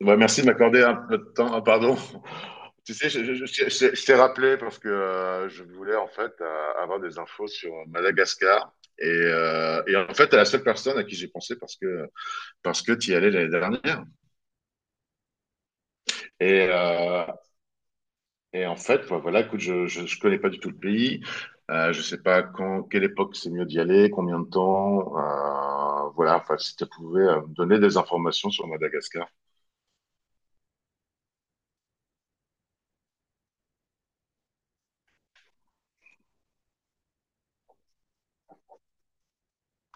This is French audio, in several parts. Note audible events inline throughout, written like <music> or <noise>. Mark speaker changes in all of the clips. Speaker 1: Ouais, merci de m'accorder un peu de temps. Ah, pardon. <laughs> Tu sais, je t'ai rappelé parce que je voulais en fait avoir des infos sur Madagascar. Et en fait, t'es la seule personne à qui j'ai pensé parce que t'y allais l'année dernière. Et, euh, et en fait, bah, voilà, écoute, je connais pas du tout le pays. Je sais pas quand, quelle époque c'est mieux d'y aller, combien de temps. Voilà, enfin, si tu pouvais me donner des informations sur Madagascar.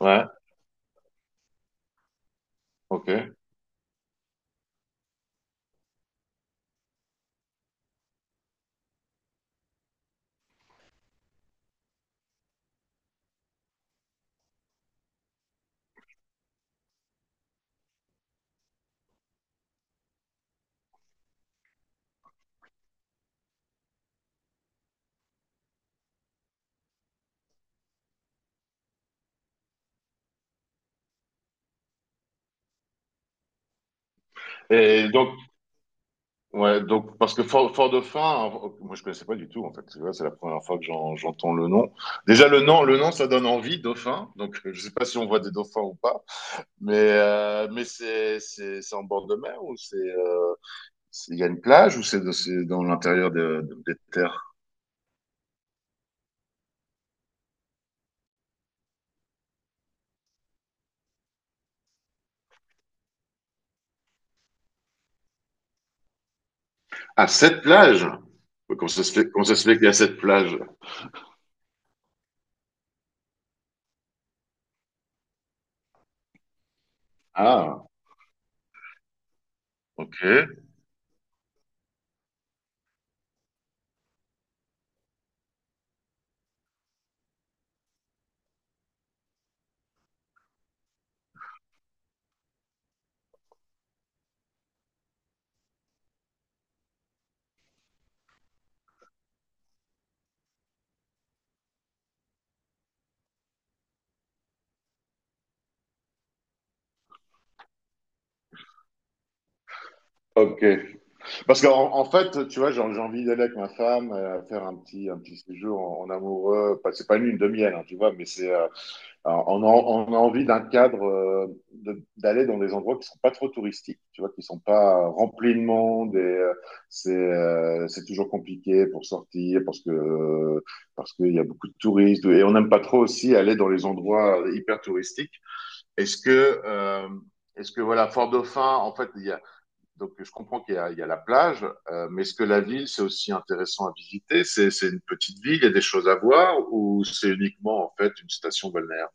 Speaker 1: Ouais, ok. Et donc, ouais, donc parce que Fort Dauphin, moi je connaissais pas du tout en fait. Tu vois, c'est la première fois que j'entends le nom. Déjà le nom ça donne envie, Dauphin. Donc je sais pas si on voit des dauphins ou pas, mais mais c'est en bord de mer ou il y a une plage ou c'est dans l'intérieur des terres. Ah, cette plage. Comment ça se fait qu'il y a cette plage? Ah, ok, ok. Parce qu'en En fait, tu vois, j'ai envie d'aller avec ma femme, faire un petit séjour en amoureux. C'est pas une lune de miel, hein, tu vois, mais c'est, on a envie d'un cadre, d'aller dans des endroits qui sont pas trop touristiques, tu vois, qui sont pas remplis de monde et c'est toujours compliqué pour sortir parce que, parce qu'il y a beaucoup de touristes et on n'aime pas trop aussi aller dans les endroits hyper touristiques. Est-ce que, euh, Est-ce que voilà, Fort-Dauphin, en fait, il y a donc, je comprends il y a la plage, mais est-ce que la ville, c'est aussi intéressant à visiter? C'est une petite ville, il y a des choses à voir, ou c'est uniquement, en fait, une station balnéaire?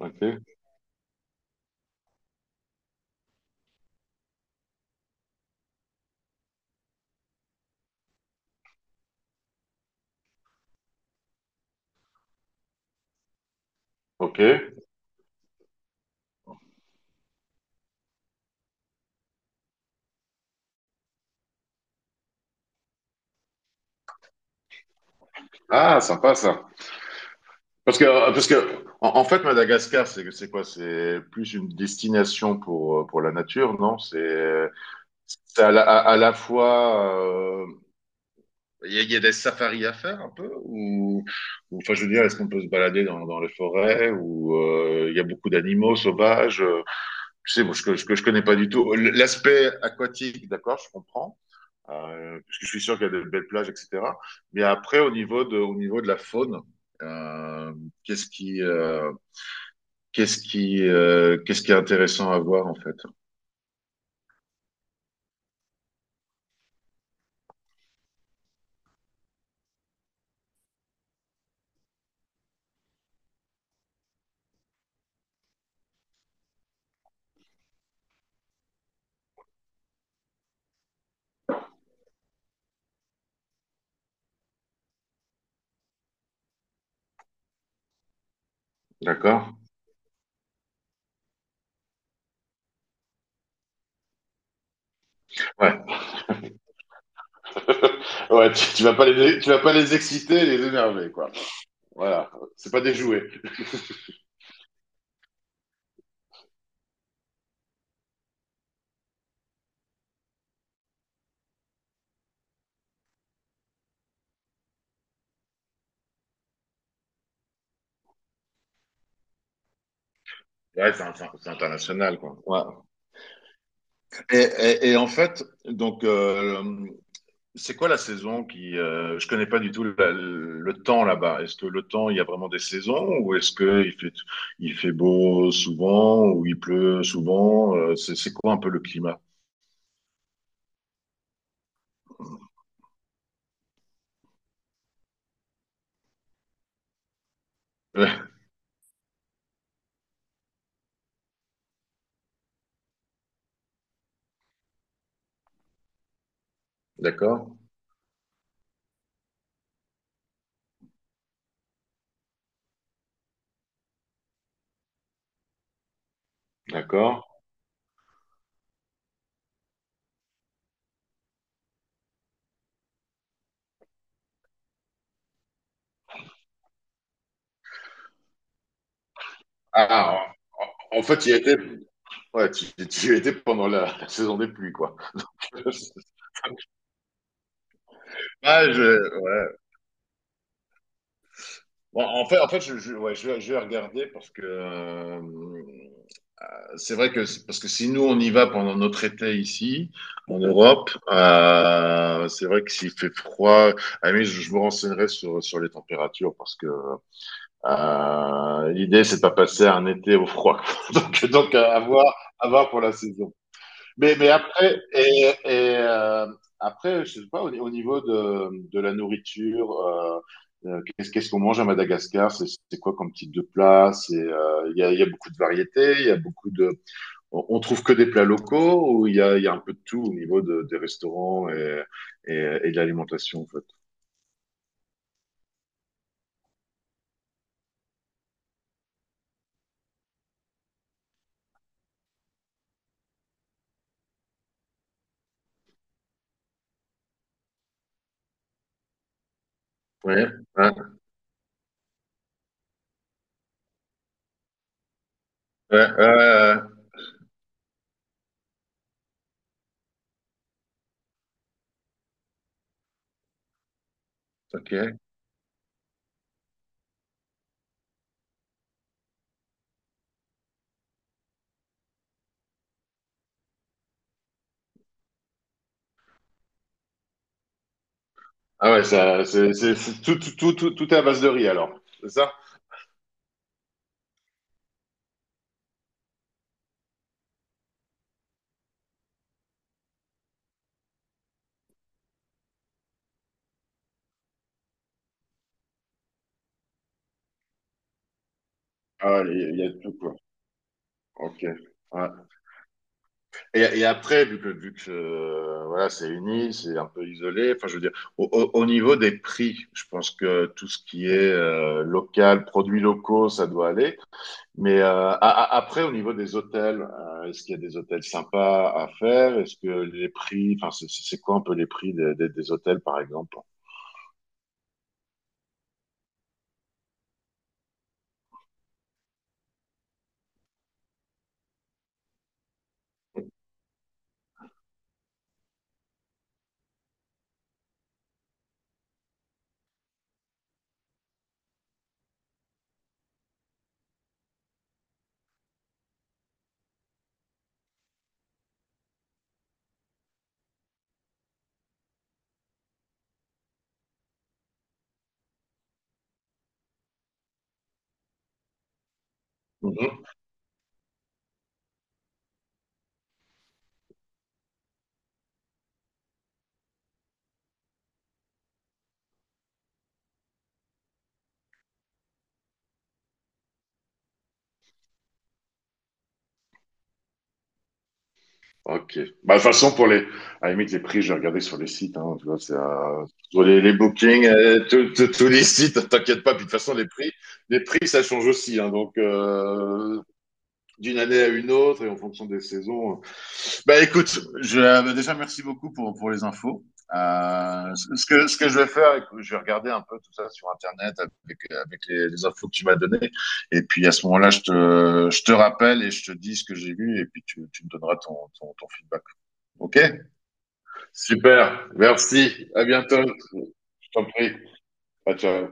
Speaker 1: Ok. Ok. Ah, sympa ça. Parce que, parce que en fait, Madagascar, c'est quoi? C'est plus une destination pour la nature, non? C'est à la fois. Il y a des safaris à faire un peu? Ou, enfin, je veux dire, est-ce qu'on peut se balader dans les forêts? Ou il y a beaucoup d'animaux sauvages? Je sais, bon, je connais pas du tout. L'aspect aquatique, d'accord, je comprends. Parce que je suis sûr qu'il y a de belles plages, etc. Mais après, au niveau de la faune, euh, qu'est-ce qui, euh, qu'est-ce qui est intéressant à voir en fait. D'accord. Ouais. Ouais. Tu vas pas les, tu vas pas les exciter, les énerver, quoi. Voilà. C'est pas des jouets. Ouais, c'est international, quoi. Ouais. Et en fait, donc c'est quoi la saison qui... je connais pas du tout le temps là-bas. Est-ce que le temps, il y a vraiment des saisons ou est-ce que il fait beau souvent ou il pleut souvent? C'est quoi un peu le climat? <laughs> Ouais, d'accord, d'accord. Ah, en fait, il y a été... Ouais, tu y étais pendant la saison des pluies, quoi. <laughs> Ah, je, ouais. Bon, en fait, ouais, je vais regarder parce que c'est vrai que parce que si nous on y va pendant notre été ici en Europe, c'est vrai que s'il fait froid, ah, oui, je me renseignerai sur les températures parce que l'idée c'est pas passer un été au froid. <laughs> Donc à voir pour la saison. Mais après après je sais pas au niveau de la nourriture. Qu'est-ce qu'on mange à Madagascar. C'est quoi comme type de plat. C'est il y a beaucoup de variétés, il y a beaucoup de on trouve que des plats locaux ou il y a un peu de tout au niveau des restaurants et de l'alimentation, en fait? Ouais, ouais, ouais. Ok. Ah ouais, ça, c'est tout est à base de riz, alors. C'est ça? Ah, il y a tout, quoi. Ok. Ouais. Et après, vu que voilà, c'est un peu isolé, enfin, je veux dire, au niveau des prix, je pense que tout ce qui est local, produits locaux, ça doit aller. Mais après, au niveau des hôtels, est-ce qu'il y a des hôtels sympas à faire? Est-ce que les prix, enfin, c'est quoi un peu les prix des hôtels, par exemple? Ok. Bah, de toute façon, à la limite, les prix, je vais regarder sur les sites, hein, tu vois, c'est, les bookings, tous les sites, <laughs> t'inquiète pas. Puis de toute façon, les prix, ça change aussi, hein, donc, d'une année à une autre et en fonction des saisons. Bah, écoute, je, déjà, merci beaucoup pour les infos. Ce que je vais faire, écoute, je vais regarder un peu tout ça sur Internet avec, avec les infos que tu m'as données. Et puis, à ce moment-là, je te rappelle et je te dis ce que j'ai vu et puis tu me donneras ton feedback. OK? Super. Merci. À bientôt. Je t'en prie. Ciao, ciao.